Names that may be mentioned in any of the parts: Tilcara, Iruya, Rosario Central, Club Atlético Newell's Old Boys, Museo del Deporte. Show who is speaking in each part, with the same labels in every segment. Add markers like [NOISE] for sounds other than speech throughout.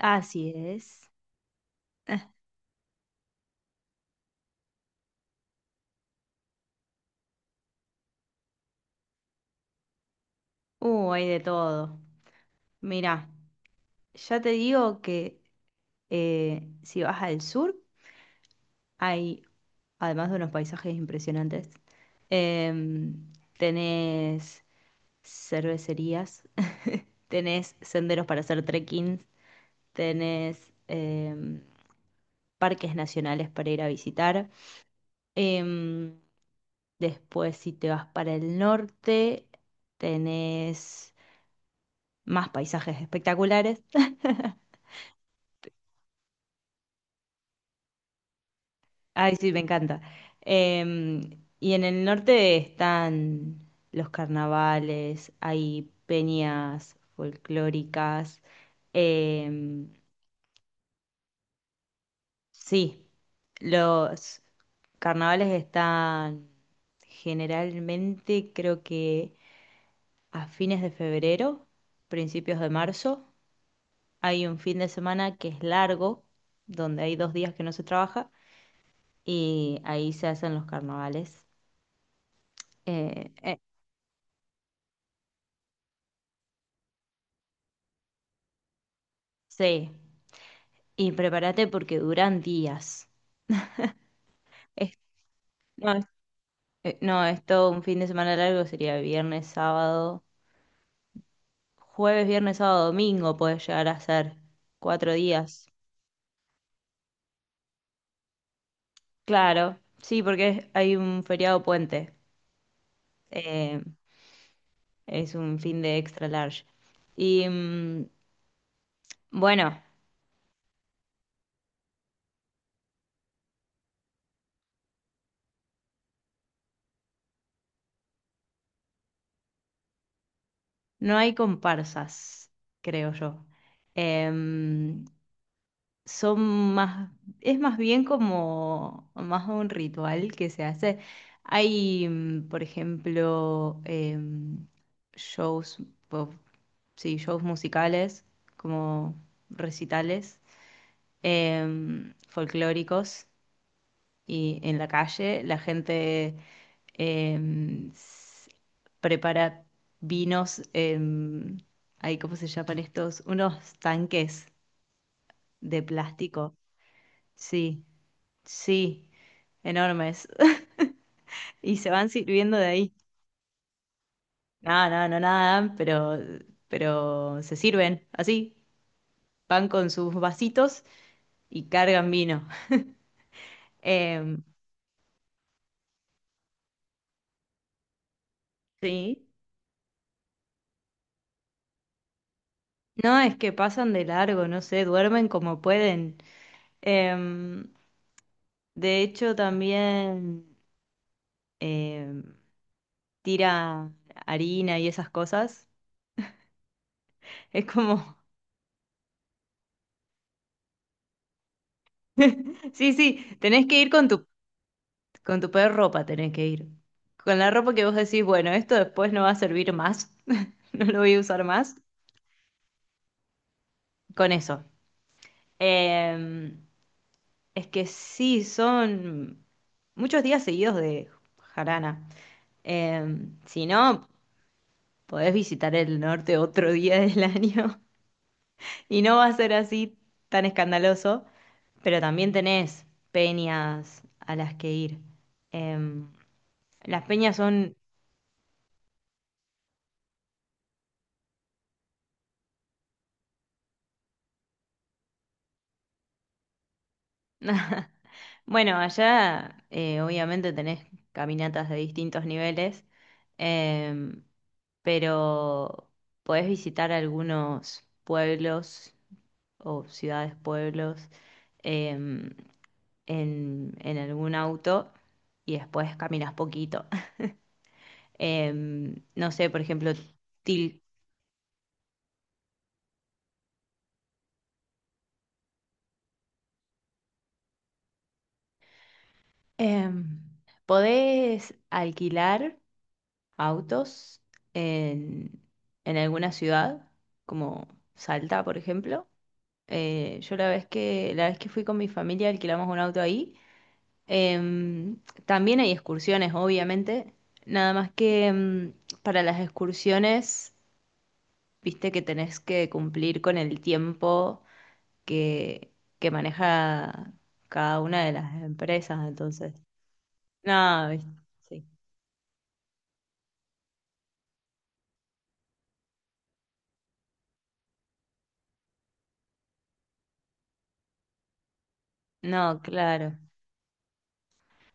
Speaker 1: Así es. Eh, hay de todo. Mira, ya te digo que si vas al sur, hay, además de unos paisajes impresionantes, em, tenés cervecerías, tenés senderos para hacer trekking, tenés parques nacionales para ir a visitar. Em, Después, si te vas para el norte, tenés más paisajes espectaculares. Ay, sí, me encanta. Em, y en el norte están los carnavales, hay peñas folclóricas. em, sí, los carnavales están generalmente, creo que a fines de febrero, principios de marzo. Hay un fin de semana que es largo, donde hay dos días que no se trabaja, y ahí se hacen los carnavales. Eh, eh, sí. Y prepárate porque duran días. Es- no, es- no, es todo un fin de semana largo, sería viernes, sábado, jueves, viernes, sábado, domingo puede llegar a ser. Cuatro días. Claro, sí, porque hay un feriado puente. Eh, es un fin de extra large. Y bueno, no hay comparsas, creo yo. Em, son más, es más bien como más un ritual que se hace. Hay, por ejemplo, shows, po- sí, shows musicales, como recitales, folclóricos, y en la calle la gente em, s- prepara vinos, em, ay, ¿cómo se llaman estos? Unos tanques de plástico, sí. Sí, enormes. [LAUGHS] Y se van sirviendo de ahí. No, no, no nadan, pero, se sirven así. Van con sus vasitos y cargan vino. [LAUGHS] Em, sí. No, es que pasan de largo, no sé, duermen como pueden. Em, de hecho, también em, tira harina y esas cosas. Es como, [LAUGHS] sí, sí, tenés que ir con tu. Con tu peor ropa tenés que ir. Con la ropa que vos decís, bueno, esto después no va a servir más, [LAUGHS] no lo voy a usar más. Con eso. Eh, es que sí, son muchos días seguidos de jarana. Eh, si no, podés visitar el norte otro día del año [LAUGHS] y no va a ser así tan escandaloso, pero también tenés peñas a las que ir. Em, las peñas son. [LAUGHS] Bueno, allá obviamente tenés caminatas de distintos niveles, em, pero podés visitar algunos pueblos o ciudades, pueblos em, en algún auto y después caminas poquito. [LAUGHS] No sé, por ejemplo, Til, em, podés alquilar autos en, en alguna ciudad, como Salta, por ejemplo. Yo la vez que fui con mi familia alquilamos un auto ahí. Em, También hay excursiones, obviamente. Nada más que para las excursiones, viste que tenés que cumplir con el tiempo que, que maneja cada una de las empresas, entonces. No, viste, sí. No, claro.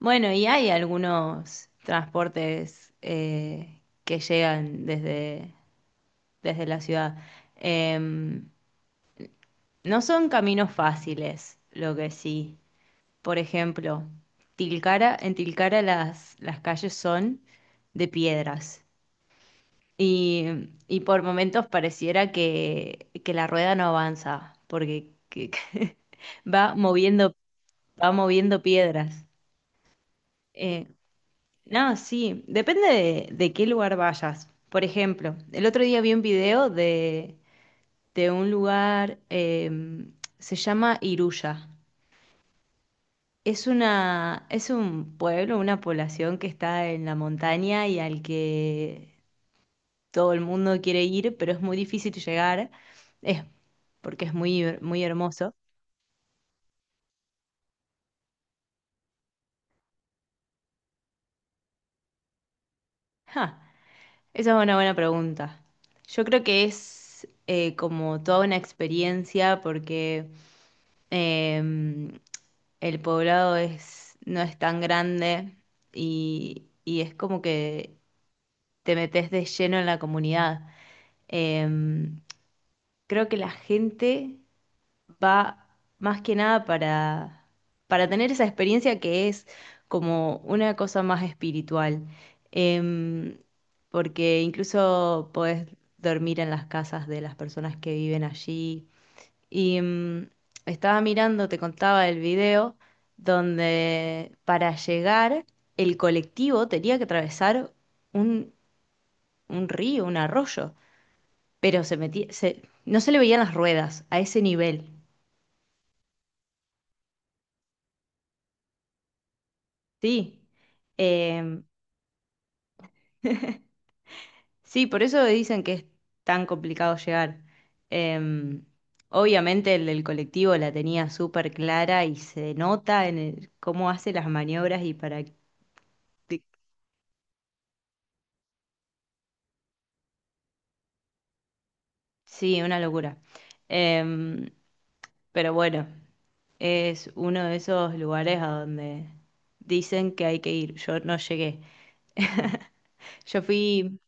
Speaker 1: Bueno, y hay algunos transportes que llegan desde, desde la ciudad. Em, no son caminos fáciles, lo que sí. Por ejemplo, Tilcara, en Tilcara las calles son de piedras y, y por momentos pareciera que la rueda no avanza porque [LAUGHS] va moviendo, va moviendo piedras. Eh, No, sí, depende de qué lugar vayas. Por ejemplo, el otro día vi un video de un lugar, se llama Iruya. Es un pueblo, una población que está en la montaña y al que todo el mundo quiere ir, pero es muy difícil llegar, es porque es muy, muy hermoso. Ja, esa es una buena pregunta. Yo creo que es como toda una experiencia porque... em, el poblado es, no es tan grande y es como que te metes de lleno en la comunidad. Em, Creo que la gente va más que nada para tener esa experiencia que es como una cosa más espiritual. Em, Porque incluso podés dormir en las casas de las personas que viven allí. Y estaba mirando, te contaba el video, donde para llegar el colectivo tenía que atravesar un, un río, un arroyo, pero se metía, no se le veían las ruedas a ese nivel. Sí, Em, sí, por eso dicen que es tan complicado llegar. Em, Obviamente el del colectivo la tenía súper clara y se nota en el- cómo hace las maniobras y para. Sí, una locura. Em, pero bueno, es uno de esos lugares a donde dicen que hay que ir. Yo no llegué. Yo fui...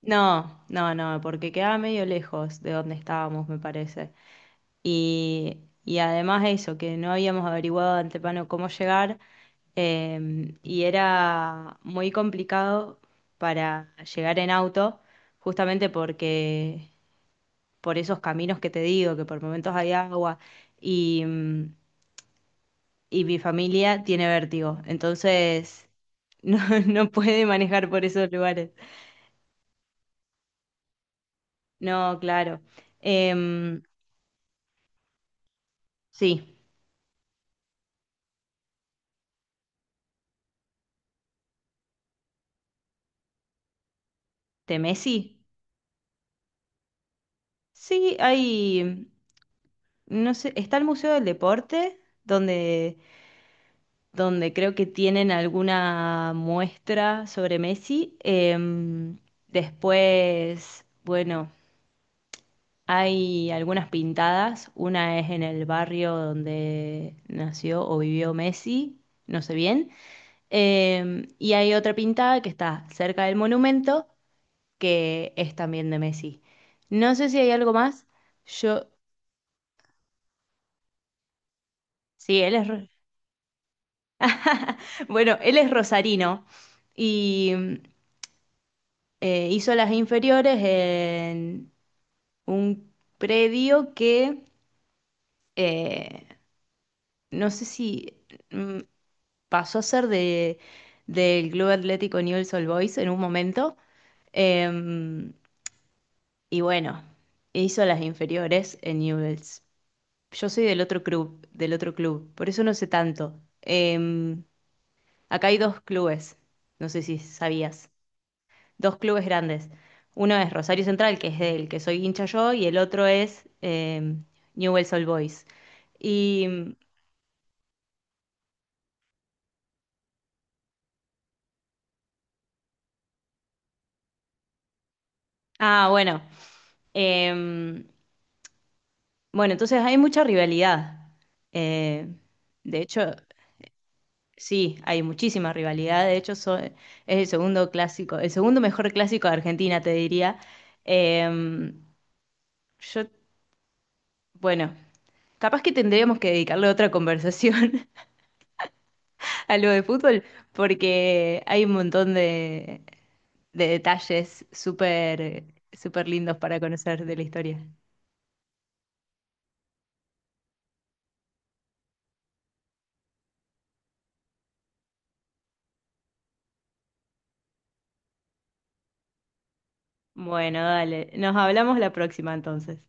Speaker 1: No, no, no, porque quedaba medio lejos de donde estábamos, me parece. Y, y además eso, que no habíamos averiguado de antemano cómo llegar. Y era muy complicado para llegar en auto, justamente porque por esos caminos que te digo, que por momentos hay agua y, y mi familia tiene vértigo, entonces no, [LAUGHS] no puede manejar por esos lugares. No, claro. Em, sí, Temesi. Sí, hay, no sé, está el Museo del Deporte, donde, donde creo que tienen alguna muestra sobre Messi. Después, bueno. Hay algunas pintadas, una es en el barrio donde nació o vivió Messi, no sé bien, y hay otra pintada que está cerca del monumento que es también de Messi. No sé si hay algo más, yo, sí, [LAUGHS] bueno, él es rosarino y hizo las inferiores en un predio eh, no sé si... mm, pasó a ser de, del Club Atlético Newell's Old Boys en un momento. Em, y bueno, hizo las inferiores en Newell's. Yo soy del otro club, por eso no sé tanto. Acá hay dos clubes, no sé si sabías, dos clubes grandes. Uno es Rosario Central, que es del que soy hincha yo, y el otro es Newell's Old Boys. Y, ah, bueno, em, bueno, entonces hay mucha rivalidad. Eh, de hecho, sí, hay muchísima rivalidad. De hecho, es el segundo clásico, el segundo mejor clásico de Argentina, te diría. Eh, yo, bueno, capaz que tendríamos que dedicarle otra conversación [LAUGHS] a lo de fútbol, porque hay un montón de detalles súper, súper lindos para conocer de la historia. Bueno, dale, nos hablamos la próxima entonces.